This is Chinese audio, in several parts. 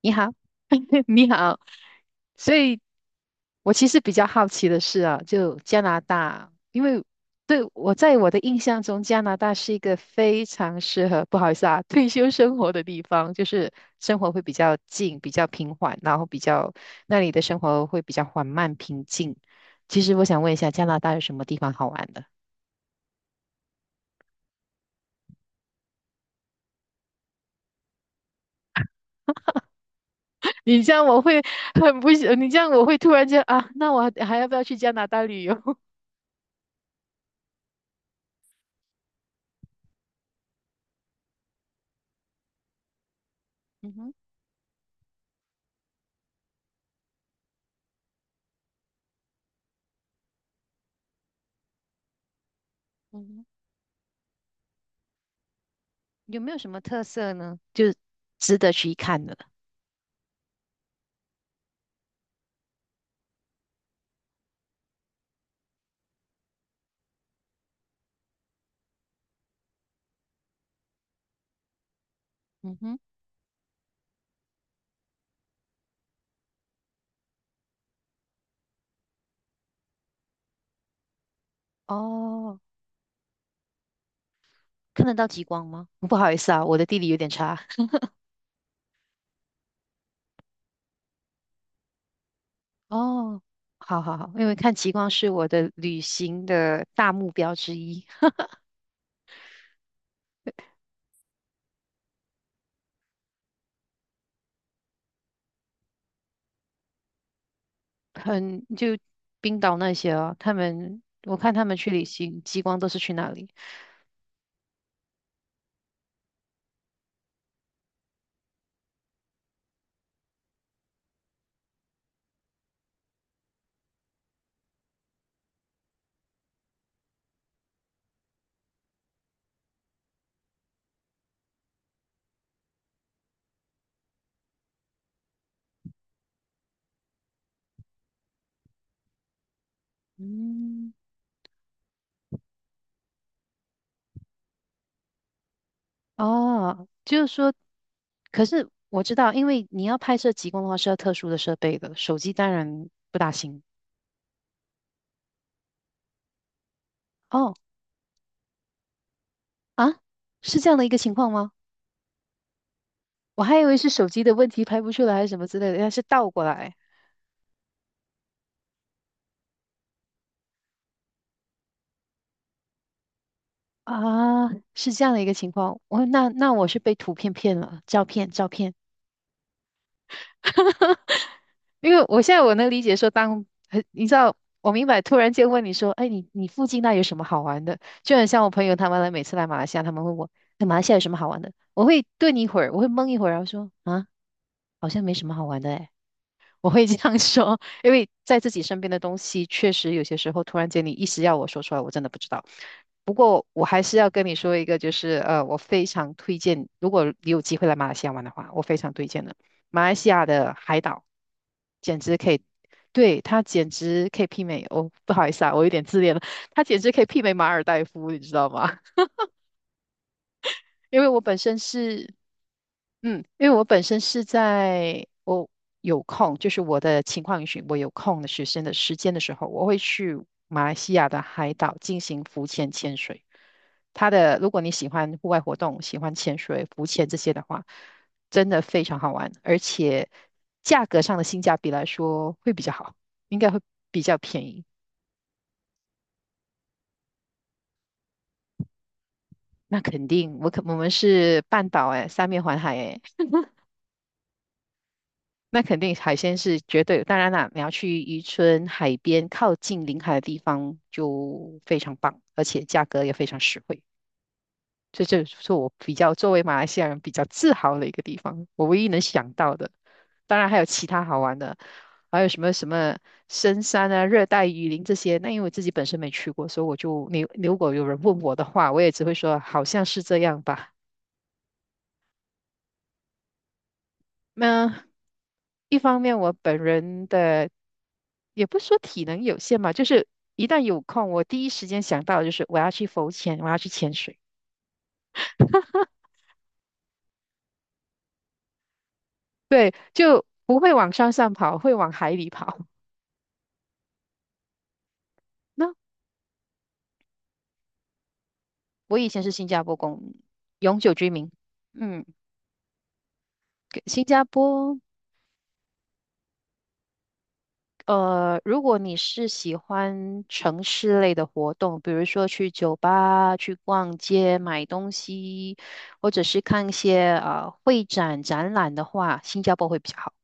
你好，你好。所以，我其实比较好奇的是啊，就加拿大，因为对我在我的印象中，加拿大是一个非常适合，不好意思啊，退休生活的地方，就是生活会比较静、比较平缓，然后比较那里的生活会比较缓慢、平静。其实我想问一下，加拿大有什么地方好玩的？你这样我会很不喜，你这样我会突然间啊，那我还要不要去加拿大旅游？嗯哼，嗯哼有没有什么特色呢？值得去看的？嗯哼，哦，看得到极光吗？不好意思啊，我的地理有点差。哦，好好好，因为看极光是我的旅行的大目标之一。很，就冰岛那些哦，他们我看他们去旅行，极光都是去那里。嗯，哦，就是说，可是我知道，因为你要拍摄极光的话是要特殊的设备的，手机当然不大行。哦，啊，是这样的一个情况吗？我还以为是手机的问题拍不出来还是什么之类的，原来是倒过来啊，是这样的一个情况。我那那我是被图片骗了，照片照片。因为我现在我能理解说当，很你知道，我明白。突然间问你说，哎，你附近那有什么好玩的？就很像我朋友他们来，每次来马来西亚，他们问我，哎，马来西亚有什么好玩的？我会顿一会儿，我会懵一会儿，然后说，啊，好像没什么好玩的，我会这样说，因为在自己身边的东西，确实有些时候突然间你一时要我说出来，我真的不知道。不过我还是要跟你说一个，就是我非常推荐，如果你有机会来马来西亚玩的话，我非常推荐的。马来西亚的海岛简直可以，对，它简直可以媲美哦，不好意思啊，我有点自恋了，它简直可以媲美马尔代夫，你知道吗？因为我本身是嗯，因为我本身是在我有空，就是我的情况允许，我有空的学生的时间的时候，我会去马来西亚的海岛进行浮潜潜水。它的，如果你喜欢户外活动，喜欢潜水、浮潜这些的话，真的非常好玩，而且价格上的性价比来说会比较好，应该会比较便宜。那肯定，我可我们是半岛哎，三面环海哎，那肯定海鲜是绝对，当然啦，你要去渔村、海边、靠近临海的地方就非常棒，而且价格也非常实惠。这就是我比较作为马来西亚人比较自豪的一个地方，我唯一能想到的。当然还有其他好玩的，还有什么什么深山啊、热带雨林这些。那因为我自己本身没去过，所以我就你如果有人问我的话，我也只会说好像是这样吧。那一方面，我本人的也不是说体能有限吧，就是一旦有空，我第一时间想到的就是我要去浮潜，我要去潜水。对，就不会往山上跑，会往海里跑。那我以前是新加坡公永久居民，嗯，新加坡。如果你是喜欢城市类的活动，比如说去酒吧、去逛街、买东西，或者是看一些会展展览的话，新加坡会比较好。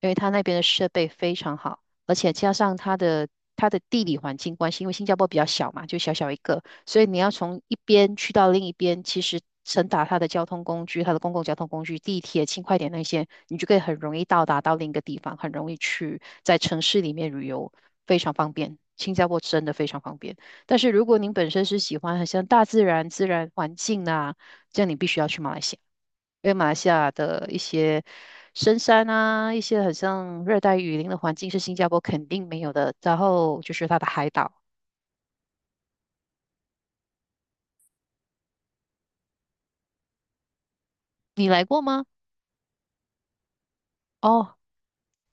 因为它那边的设备非常好，而且加上它的它的地理环境关系，因为新加坡比较小嘛，就小小一个，所以你要从一边去到另一边，其实乘搭它的交通工具，它的公共交通工具，地铁、轻快点那些，你就可以很容易到达到另一个地方，很容易去在城市里面旅游，非常方便。新加坡真的非常方便，但是如果您本身是喜欢很像大自然、自然环境啊，这样你必须要去马来西亚。因为马来西亚的一些深山啊，一些很像热带雨林的环境是新加坡肯定没有的。然后就是它的海岛，你来过吗？哦，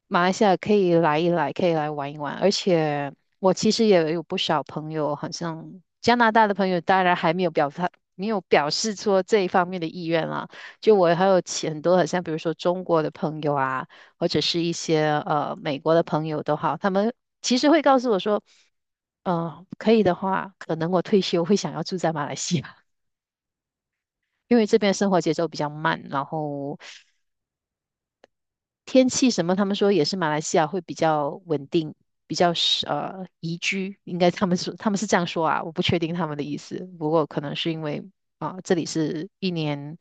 马来西亚可以来一来，可以来玩一玩。而且我其实也有不少朋友，好像加拿大的朋友，当然还没有表态。没有表示出这一方面的意愿啦，就我还有其很多，很像比如说中国的朋友啊，或者是一些美国的朋友都好，他们其实会告诉我说。嗯，可以的话，可能我退休会想要住在马来西亚，因为这边生活节奏比较慢，然后天气什么，他们说也是马来西亚会比较稳定，比较是宜居，应该他们说他们是这样说啊，我不确定他们的意思，不过可能是因为啊、这里是一年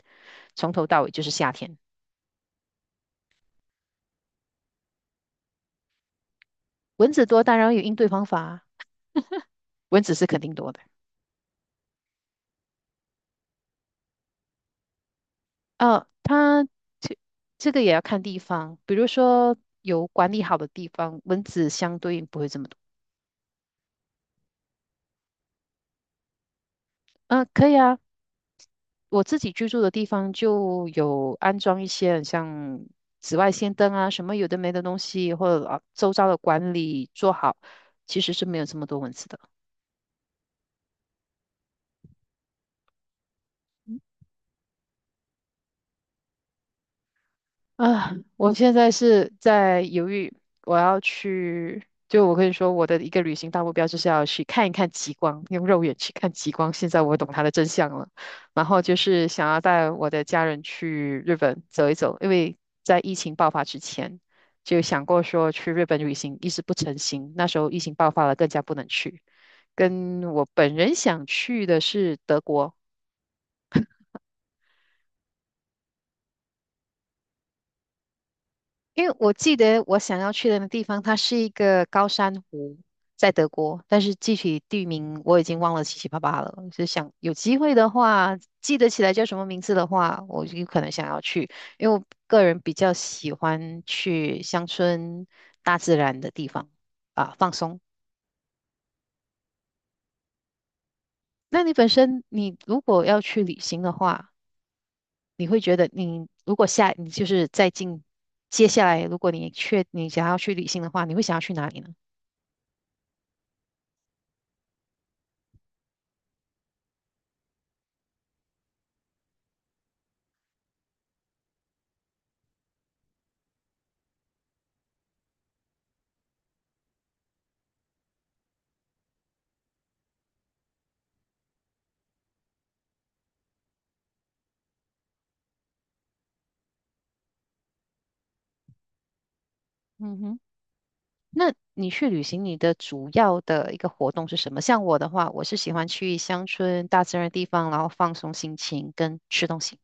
从头到尾就是夏天，蚊子多当然有应对方法啊蚊子是肯定多的。它这这个也要看地方，比如说有管理好的地方，蚊子相对应不会这么多。嗯，可以啊。我自己居住的地方就有安装一些很像紫外线灯啊，什么有的没的东西，或者啊周遭的管理做好，其实是没有这么多蚊子的。啊，我现在是在犹豫，我要去，就我跟你说，我的一个旅行大目标就是要去看一看极光，用肉眼去看极光。现在我懂它的真相了，然后就是想要带我的家人去日本走一走，因为在疫情爆发之前就想过说去日本旅行，一直不成行，那时候疫情爆发了，更加不能去。跟我本人想去的是德国。因为我记得我想要去的那地方，它是一个高山湖，在德国，但是具体地名我已经忘了七七八八了。就想有机会的话，记得起来叫什么名字的话，我就可能想要去，因为我个人比较喜欢去乡村、大自然的地方啊，放松。那你本身，你如果要去旅行的话，你会觉得你如果下，你就是在近接下来，如果你确你想要去旅行的话，你会想要去哪里呢？嗯哼。那你去旅行，你的主要的一个活动是什么？像我的话，我是喜欢去乡村、大自然的地方，然后放松心情跟吃东西。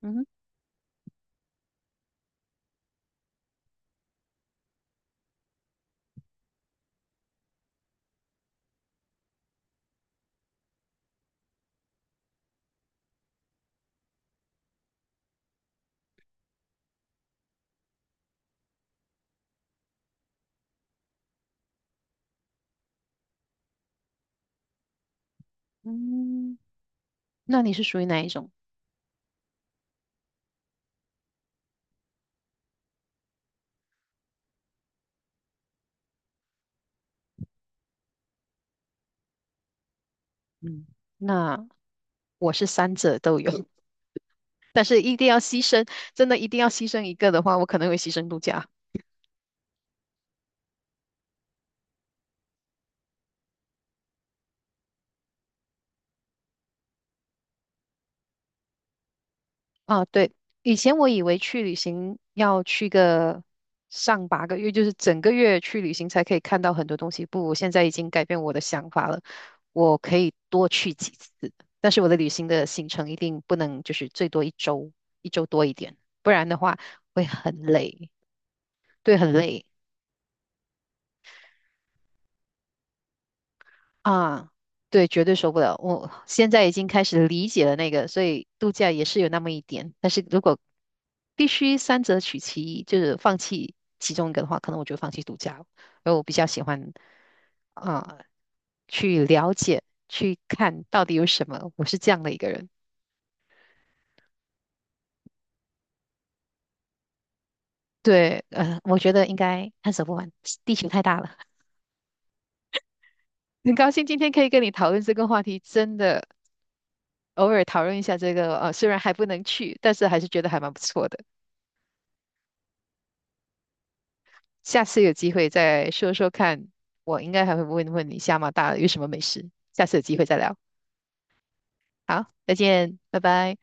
嗯哼嗯，那你是属于哪一种？嗯，那我是三者都有，但是一定要牺牲，真的一定要牺牲一个的话，我可能会牺牲度假。啊，对，以前我以为去旅行要去个上八个月，就是整个月去旅行才可以看到很多东西。不，我现在已经改变我的想法了，我可以多去几次，但是我的旅行的行程一定不能就是最多一周，一周多一点，不然的话会很累，对，很累。啊，对，绝对受不了。我现在已经开始理解了那个，所以度假也是有那么一点。但是如果必须三者取其一，就是放弃其中一个的话，可能我就放弃度假了。而我比较喜欢啊，去了解、去看到底有什么。我是这样的一个人。对，我觉得应该探索不完，地球太大了。很高兴今天可以跟你讨论这个话题，真的偶尔讨论一下这个，虽然还不能去，但是还是觉得还蛮不错的。下次有机会再说说看，我应该还会问问你加拿大有什么美食。下次有机会再聊。好，再见，拜拜。